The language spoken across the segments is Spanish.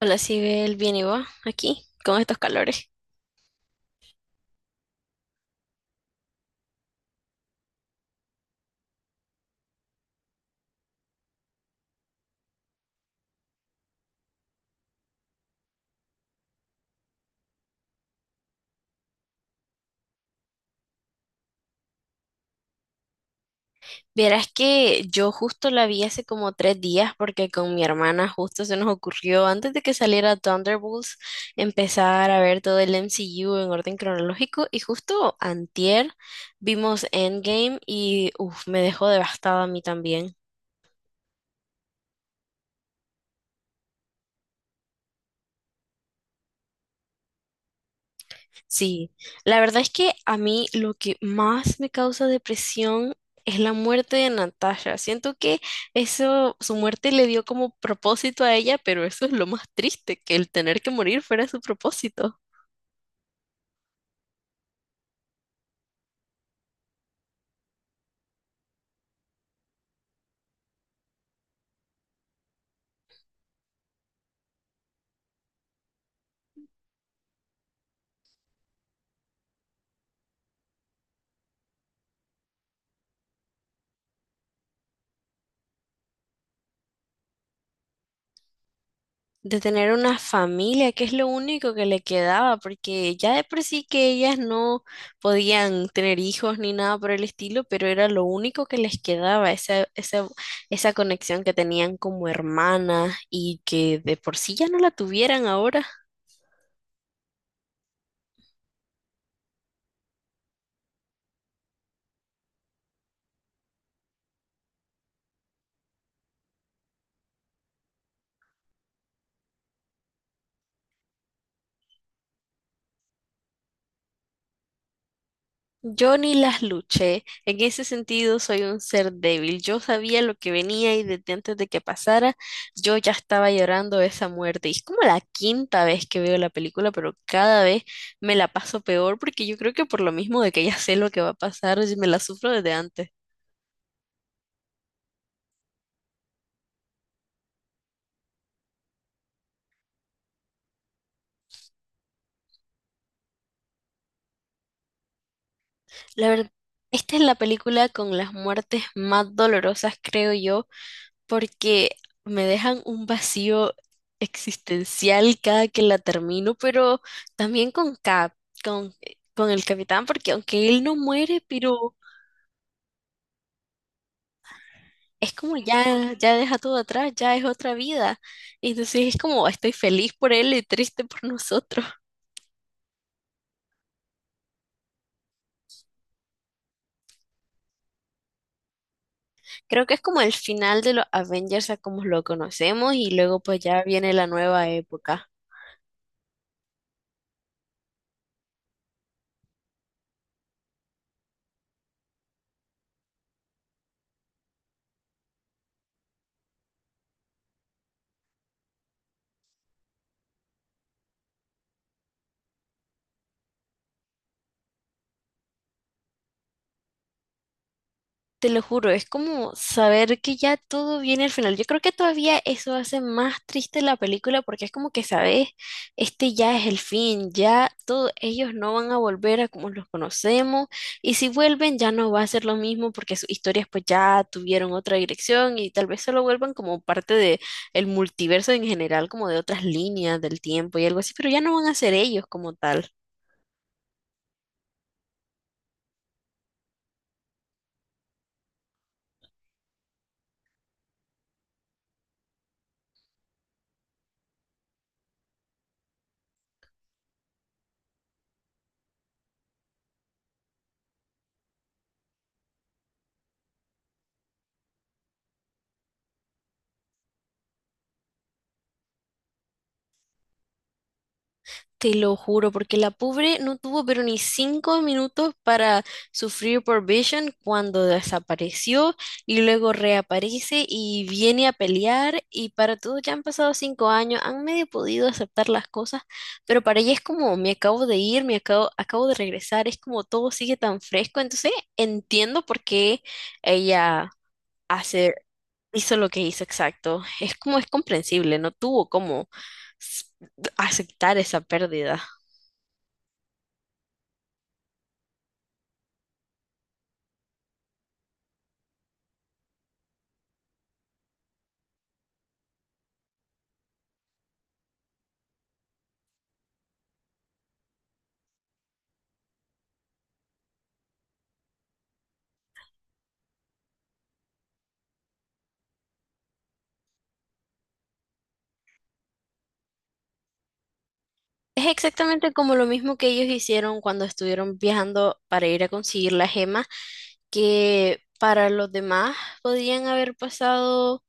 Hola, Sibel, bien y vos, aquí, con estos calores. Vieras que yo justo la vi hace como 3 días porque con mi hermana justo se nos ocurrió, antes de que saliera Thunderbolts, empezar a ver todo el MCU en orden cronológico y justo antier vimos Endgame y uf, me dejó devastada a mí también. Sí, la verdad es que a mí lo que más me causa depresión es la muerte de Natasha. Siento que eso, su muerte le dio como propósito a ella, pero eso es lo más triste, que el tener que morir fuera su propósito. De tener una familia, que es lo único que le quedaba, porque ya de por sí que ellas no podían tener hijos ni nada por el estilo, pero era lo único que les quedaba, esa conexión que tenían como hermanas y que de por sí ya no la tuvieran ahora. Yo ni las luché. En ese sentido, soy un ser débil. Yo sabía lo que venía y desde antes de que pasara, yo ya estaba llorando esa muerte. Y es como la quinta vez que veo la película, pero cada vez me la paso peor porque yo creo que por lo mismo de que ya sé lo que va a pasar, y me la sufro desde antes. La verdad, esta es la película con las muertes más dolorosas, creo yo, porque me dejan un vacío existencial cada que la termino, pero también con Cap, con, con el capitán, porque aunque él no muere, pero es como ya, ya deja todo atrás, ya es otra vida. Entonces es como estoy feliz por él y triste por nosotros. Creo que es como el final de los Avengers a como lo conocemos y luego pues ya viene la nueva época. Te lo juro, es como saber que ya todo viene al final. Yo creo que todavía eso hace más triste la película porque es como que sabes, este ya es el fin, ya todos ellos no van a volver a como los conocemos y si vuelven ya no va a ser lo mismo porque sus historias pues ya tuvieron otra dirección y tal vez solo vuelvan como parte de el multiverso en general, como de otras líneas del tiempo y algo así, pero ya no van a ser ellos como tal. Te lo juro, porque la pobre no tuvo pero ni 5 minutos para sufrir por Vision cuando desapareció y luego reaparece y viene a pelear y para todo ya han pasado 5 años, han medio podido aceptar las cosas, pero para ella es como me acabo de ir, me acabo de regresar, es como todo sigue tan fresco, entonces entiendo por qué ella hace, hizo lo que hizo, exacto, es como es comprensible, no tuvo como s- aceptar esa pérdida. Es exactamente como lo mismo que ellos hicieron cuando estuvieron viajando para ir a conseguir la gema, que para los demás podían haber pasado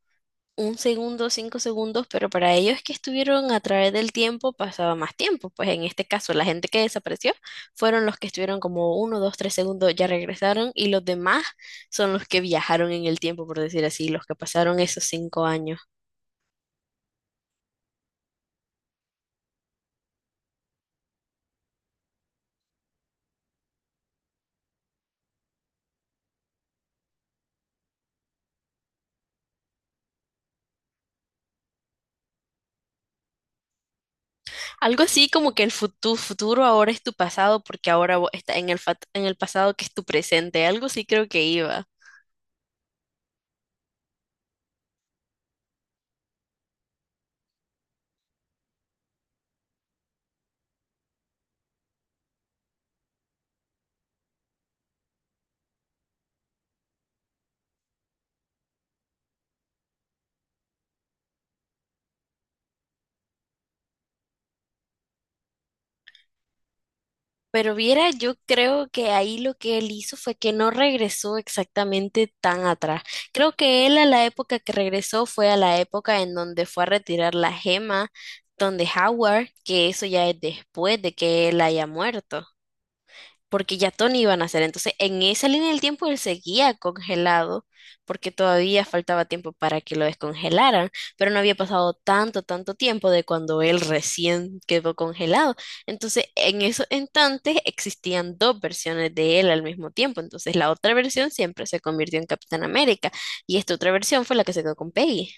un segundo, cinco segundos, pero para ellos que estuvieron a través del tiempo pasaba más tiempo. Pues en este caso, la gente que desapareció fueron los que estuvieron como uno, dos, tres segundos, ya regresaron, y los demás son los que viajaron en el tiempo, por decir así, los que pasaron esos 5 años. Algo así como que el futuro, futuro ahora es tu pasado porque ahora está en en el pasado que es tu presente. Algo sí creo que iba. Pero viera, yo creo que ahí lo que él hizo fue que no regresó exactamente tan atrás. Creo que él a la época que regresó fue a la época en donde fue a retirar la gema, donde Howard, que eso ya es después de que él haya muerto. Porque ya Tony iba a nacer. Entonces, en esa línea del tiempo él seguía congelado, porque todavía faltaba tiempo para que lo descongelaran, pero no había pasado tanto, tanto tiempo de cuando él recién quedó congelado. Entonces, en esos instantes existían dos versiones de él al mismo tiempo. Entonces, la otra versión siempre se convirtió en Capitán América y esta otra versión fue la que se quedó con Peggy.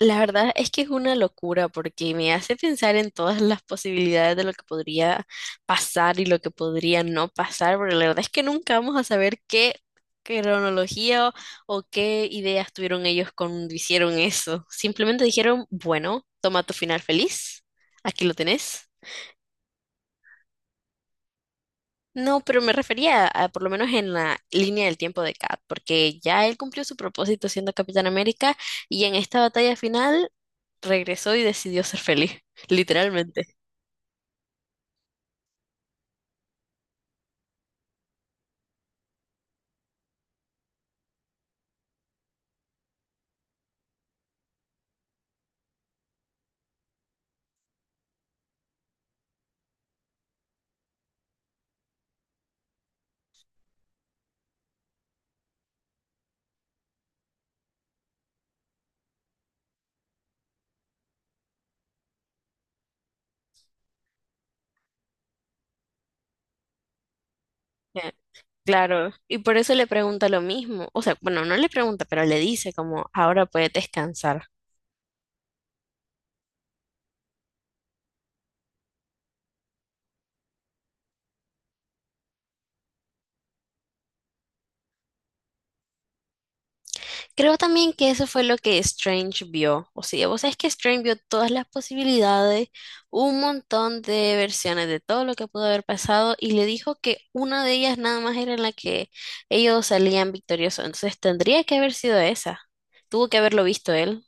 La verdad es que es una locura porque me hace pensar en todas las posibilidades de lo que podría pasar y lo que podría no pasar, porque la verdad es que nunca vamos a saber qué cronología o qué ideas tuvieron ellos cuando hicieron eso. Simplemente dijeron, bueno, toma tu final feliz, aquí lo tenés. No, pero me refería a, por lo menos en la línea del tiempo de Kat, porque ya él cumplió su propósito siendo Capitán América y en esta batalla final regresó y decidió ser feliz, literalmente. Eh, Claro, y por eso le pregunta lo mismo, o sea, bueno, no le pregunta, pero le dice como, ahora puedes descansar. Creo también que eso fue lo que Strange vio, o sea, vos sabés que Strange vio todas las posibilidades, un montón de versiones de todo lo que pudo haber pasado y le dijo que una de ellas nada más era en la que ellos salían victoriosos, entonces tendría que haber sido esa, tuvo que haberlo visto él.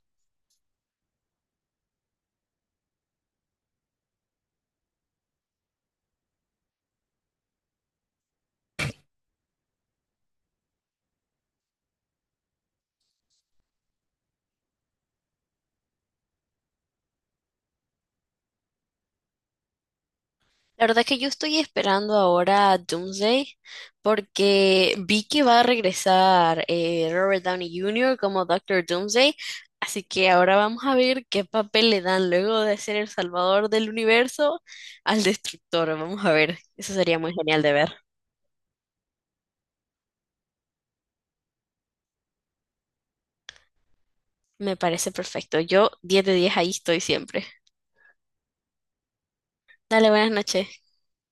La verdad que yo estoy esperando ahora a Doomsday porque vi que va a regresar Robert Downey Jr. como Doctor Doomsday, así que ahora vamos a ver qué papel le dan luego de ser el salvador del universo al destructor. Vamos a ver, eso sería muy genial de ver. Me parece perfecto. Yo 10 de 10 ahí estoy siempre. Dale, buenas noches.